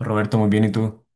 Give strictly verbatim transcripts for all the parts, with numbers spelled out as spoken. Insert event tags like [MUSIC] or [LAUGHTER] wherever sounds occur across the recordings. Roberto, muy bien, ¿y tú?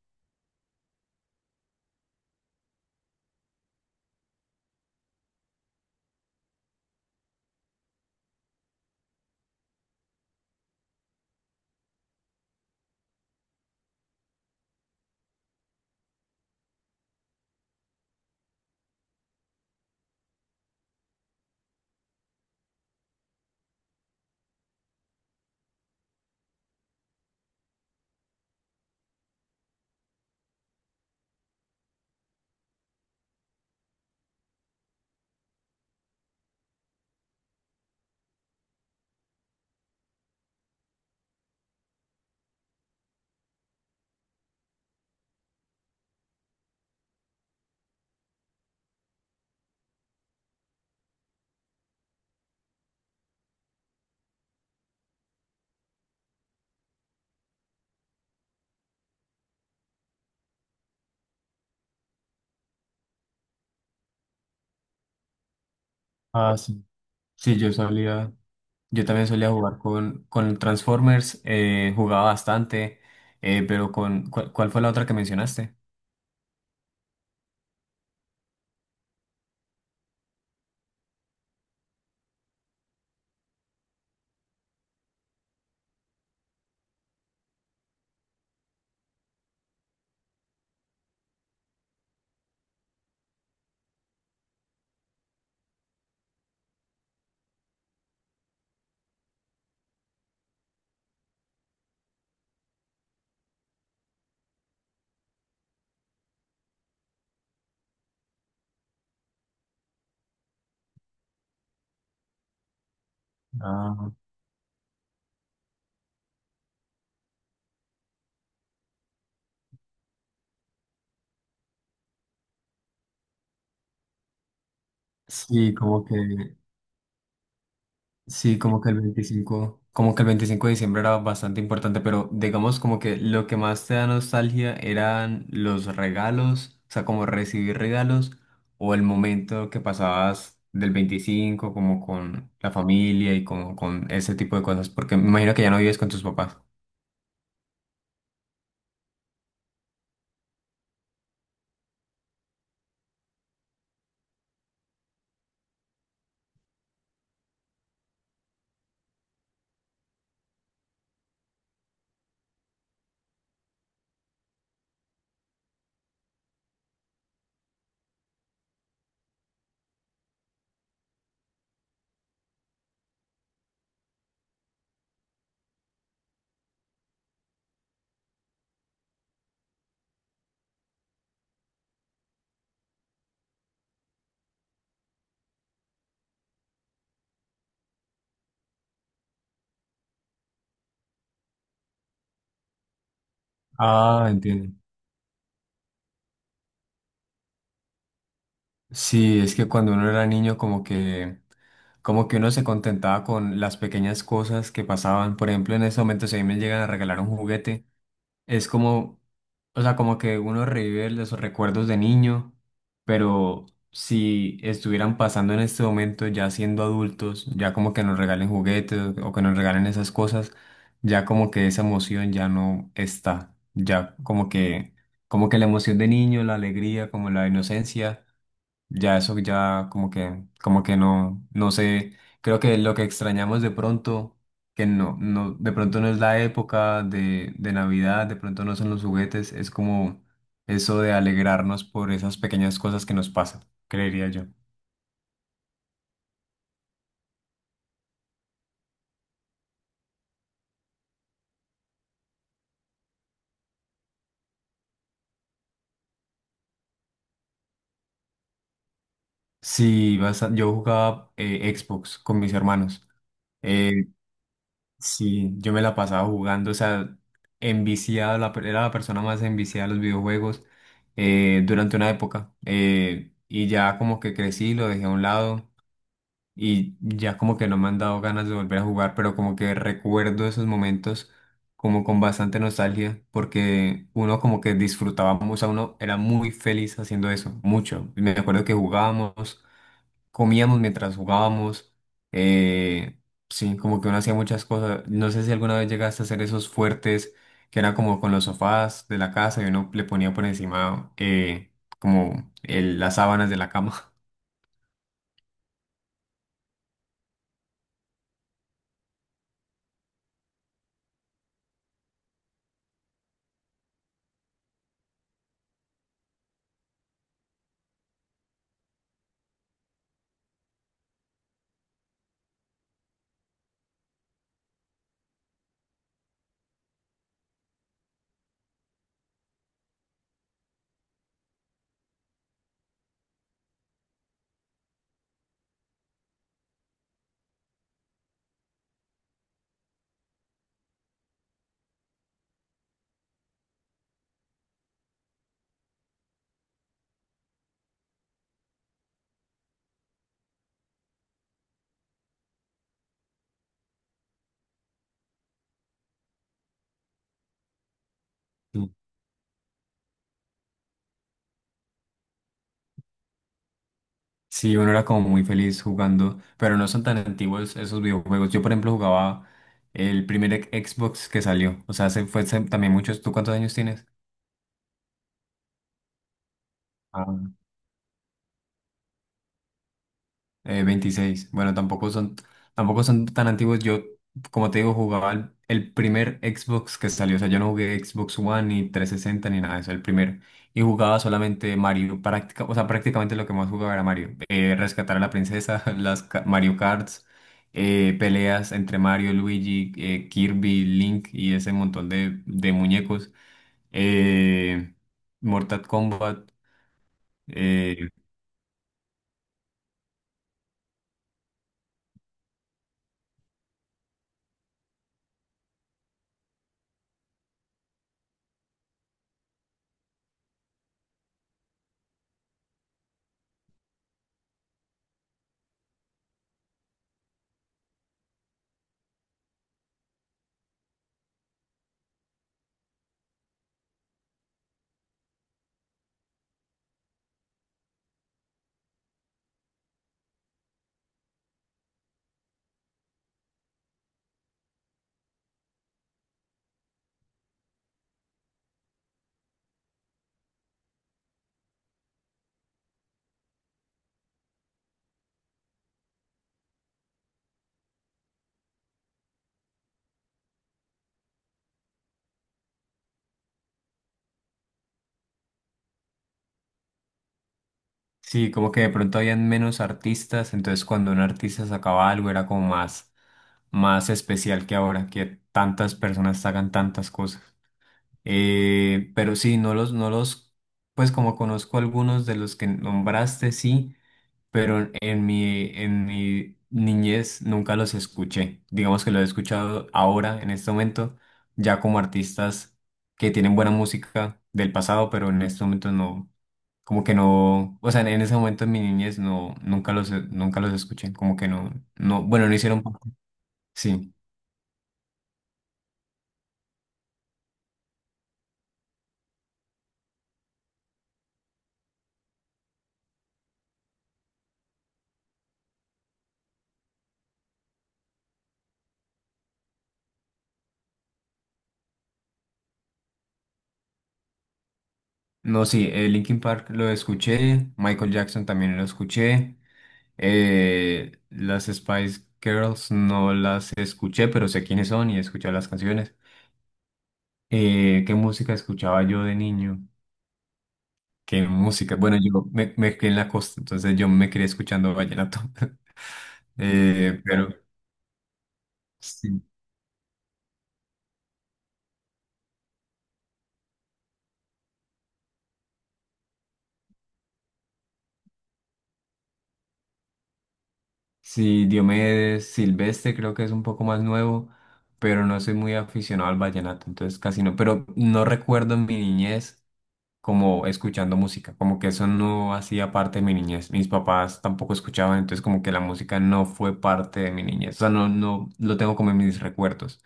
Ah, sí. Sí, yo solía, yo también solía jugar con, con Transformers, eh, jugaba bastante, eh, pero con, ¿cuál, cuál fue la otra que mencionaste? Ah, sí, como que Sí, Como que el veinticinco como que el veinticinco de diciembre era bastante importante, pero digamos como que lo que más te da nostalgia eran los regalos, o sea, como recibir regalos o el momento que pasabas del veinticinco como con la familia y como con ese tipo de cosas, porque me imagino que ya no vives con tus papás. Ah, entiendo. Sí, es que cuando uno era niño como que como que uno se contentaba con las pequeñas cosas que pasaban. Por ejemplo, en ese momento si a mí me llegan a regalar un juguete, Es como, o sea, como que uno revive los recuerdos de niño, pero si estuvieran pasando en este momento ya siendo adultos, ya como que nos regalen juguetes o que nos regalen esas cosas, ya como que esa emoción ya no está, ya como que, como que la emoción de niño, la alegría, como la inocencia. Ya eso ya como que, como que no, no sé, creo que lo que extrañamos de pronto, que no, no, de pronto no es la época de, de Navidad, de pronto no son los juguetes, es como eso de alegrarnos por esas pequeñas cosas que nos pasan, creería yo. Sí, basta- yo jugaba eh, Xbox con mis hermanos. Eh, Sí, yo me la pasaba jugando, o sea, enviciado, la, per- era la persona más enviciada de los videojuegos eh, durante una época. Eh, y ya como que crecí, lo dejé a un lado y ya como que no me han dado ganas de volver a jugar, pero como que recuerdo esos momentos como con bastante nostalgia, porque uno como que disfrutaba, mu- o sea, uno era muy feliz haciendo eso, mucho. Me acuerdo que jugábamos comíamos mientras jugábamos. eh, sí, como que uno hacía muchas cosas. No sé si alguna vez llegaste a hacer esos fuertes que eran como con los sofás de la casa y uno le ponía por encima eh, como el- las sábanas de la cama. [LAUGHS] Sí, sí, uno era como muy feliz jugando, pero no son tan antiguos esos videojuegos. Yo, por ejemplo, jugaba el primer ex- Xbox que salió. O sea, se fue hace también muchos. ¿Tú cuántos años tienes? Ah. Eh, veintiséis. Bueno, tampoco son, tampoco son tan antiguos. Yo, como te digo, jugaba el, el primer Xbox que salió. O sea, yo no jugué Xbox One ni trescientos sesenta ni nada de eso, el primero. Y jugaba solamente Mario. Práctica, o sea, prácticamente lo que más jugaba era Mario. Eh, rescatar a la princesa, [LAUGHS] las ca- Mario Karts, eh, peleas entre Mario, Luigi, eh, Kirby, Link y ese montón de, de muñecos. Eh, Mortal Kombat. eh, Sí, como que de pronto habían menos artistas, entonces cuando un artista sacaba algo era como más, más especial que ahora, que tantas personas sacan tantas cosas. Eh, pero sí, no los, no los, pues como conozco algunos de los que nombraste, sí, pero en mi, en mi niñez nunca los escuché. Digamos que los he escuchado ahora, en este momento, ya como artistas que tienen buena música del pasado, pero en este momento no, como que no, o sea, en ese momento en mi niñez no, nunca los, nunca los escuché, como que no, no, bueno, no hicieron, parte. Sí. No, sí, eh, Linkin Park lo escuché, Michael Jackson también lo escuché. Eh, las Spice Girls no las escuché, pero sé quiénes son y he escuchado las canciones. Eh, ¿qué música escuchaba yo de niño? ¿Qué música? Bueno, yo me, me crié en la costa, entonces yo me crié escuchando vallenato. [LAUGHS] Eh, pero sí, sí, Diomedes, Silvestre creo que es un poco más nuevo, pero no soy muy aficionado al vallenato, entonces casi no. Pero no recuerdo en mi niñez, como escuchando música, como que eso no hacía parte de mi niñez. Mis papás tampoco escuchaban, entonces como que la música no fue parte de mi niñez. O sea, no, no lo tengo como en mis recuerdos.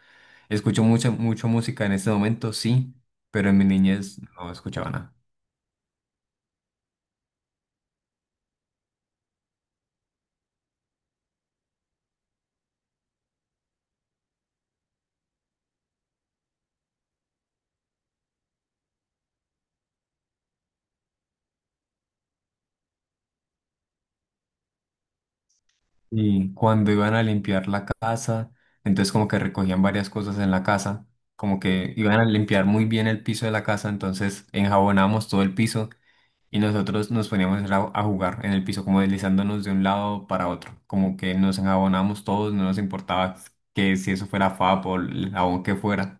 Escucho mucha, mucho música en este momento, sí, pero en mi niñez no escuchaba nada. Y cuando iban a limpiar la casa, entonces como que recogían varias cosas en la casa, como que iban a limpiar muy bien el piso de la casa, entonces enjabonábamos todo el piso. Y nosotros nos poníamos a a jugar en el piso, como deslizándonos de un lado para otro, como que nos enjabonábamos todos, no nos importaba que si eso fuera F A P o el jabón que fuera,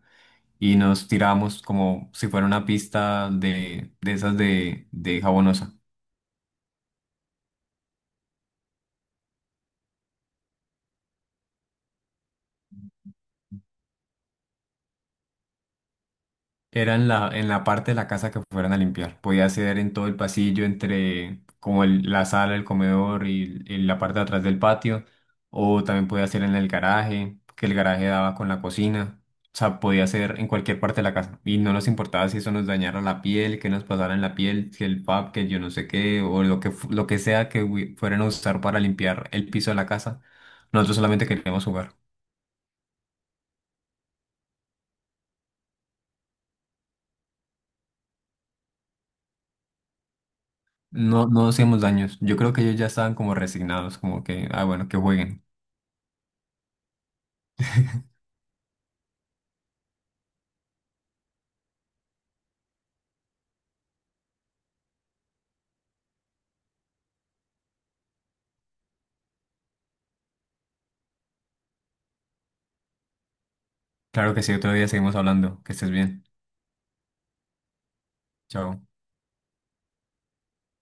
y nos tirábamos como si fuera una pista de, de esas de, de jabonosa. Era en la, en la parte de la casa que fueran a limpiar. Podía ser en todo el pasillo, entre como el- la sala, el comedor y, y la parte de atrás del patio. O también podía hacer en el garaje, que el garaje daba con la cocina. O sea, podía hacer en cualquier parte de la casa. Y no nos importaba si eso nos dañara la piel, que nos pasara en la piel, si el pap, que yo no sé qué, o lo que, fu- lo que sea que hu- fueran a usar para limpiar el piso de la casa. Nosotros solamente queríamos jugar. No, no hacíamos daños. Yo creo que ellos ya estaban como resignados, como que, ah, bueno, que jueguen. [LAUGHS] Claro que sí, otro día seguimos hablando. Que estés bien. Chao.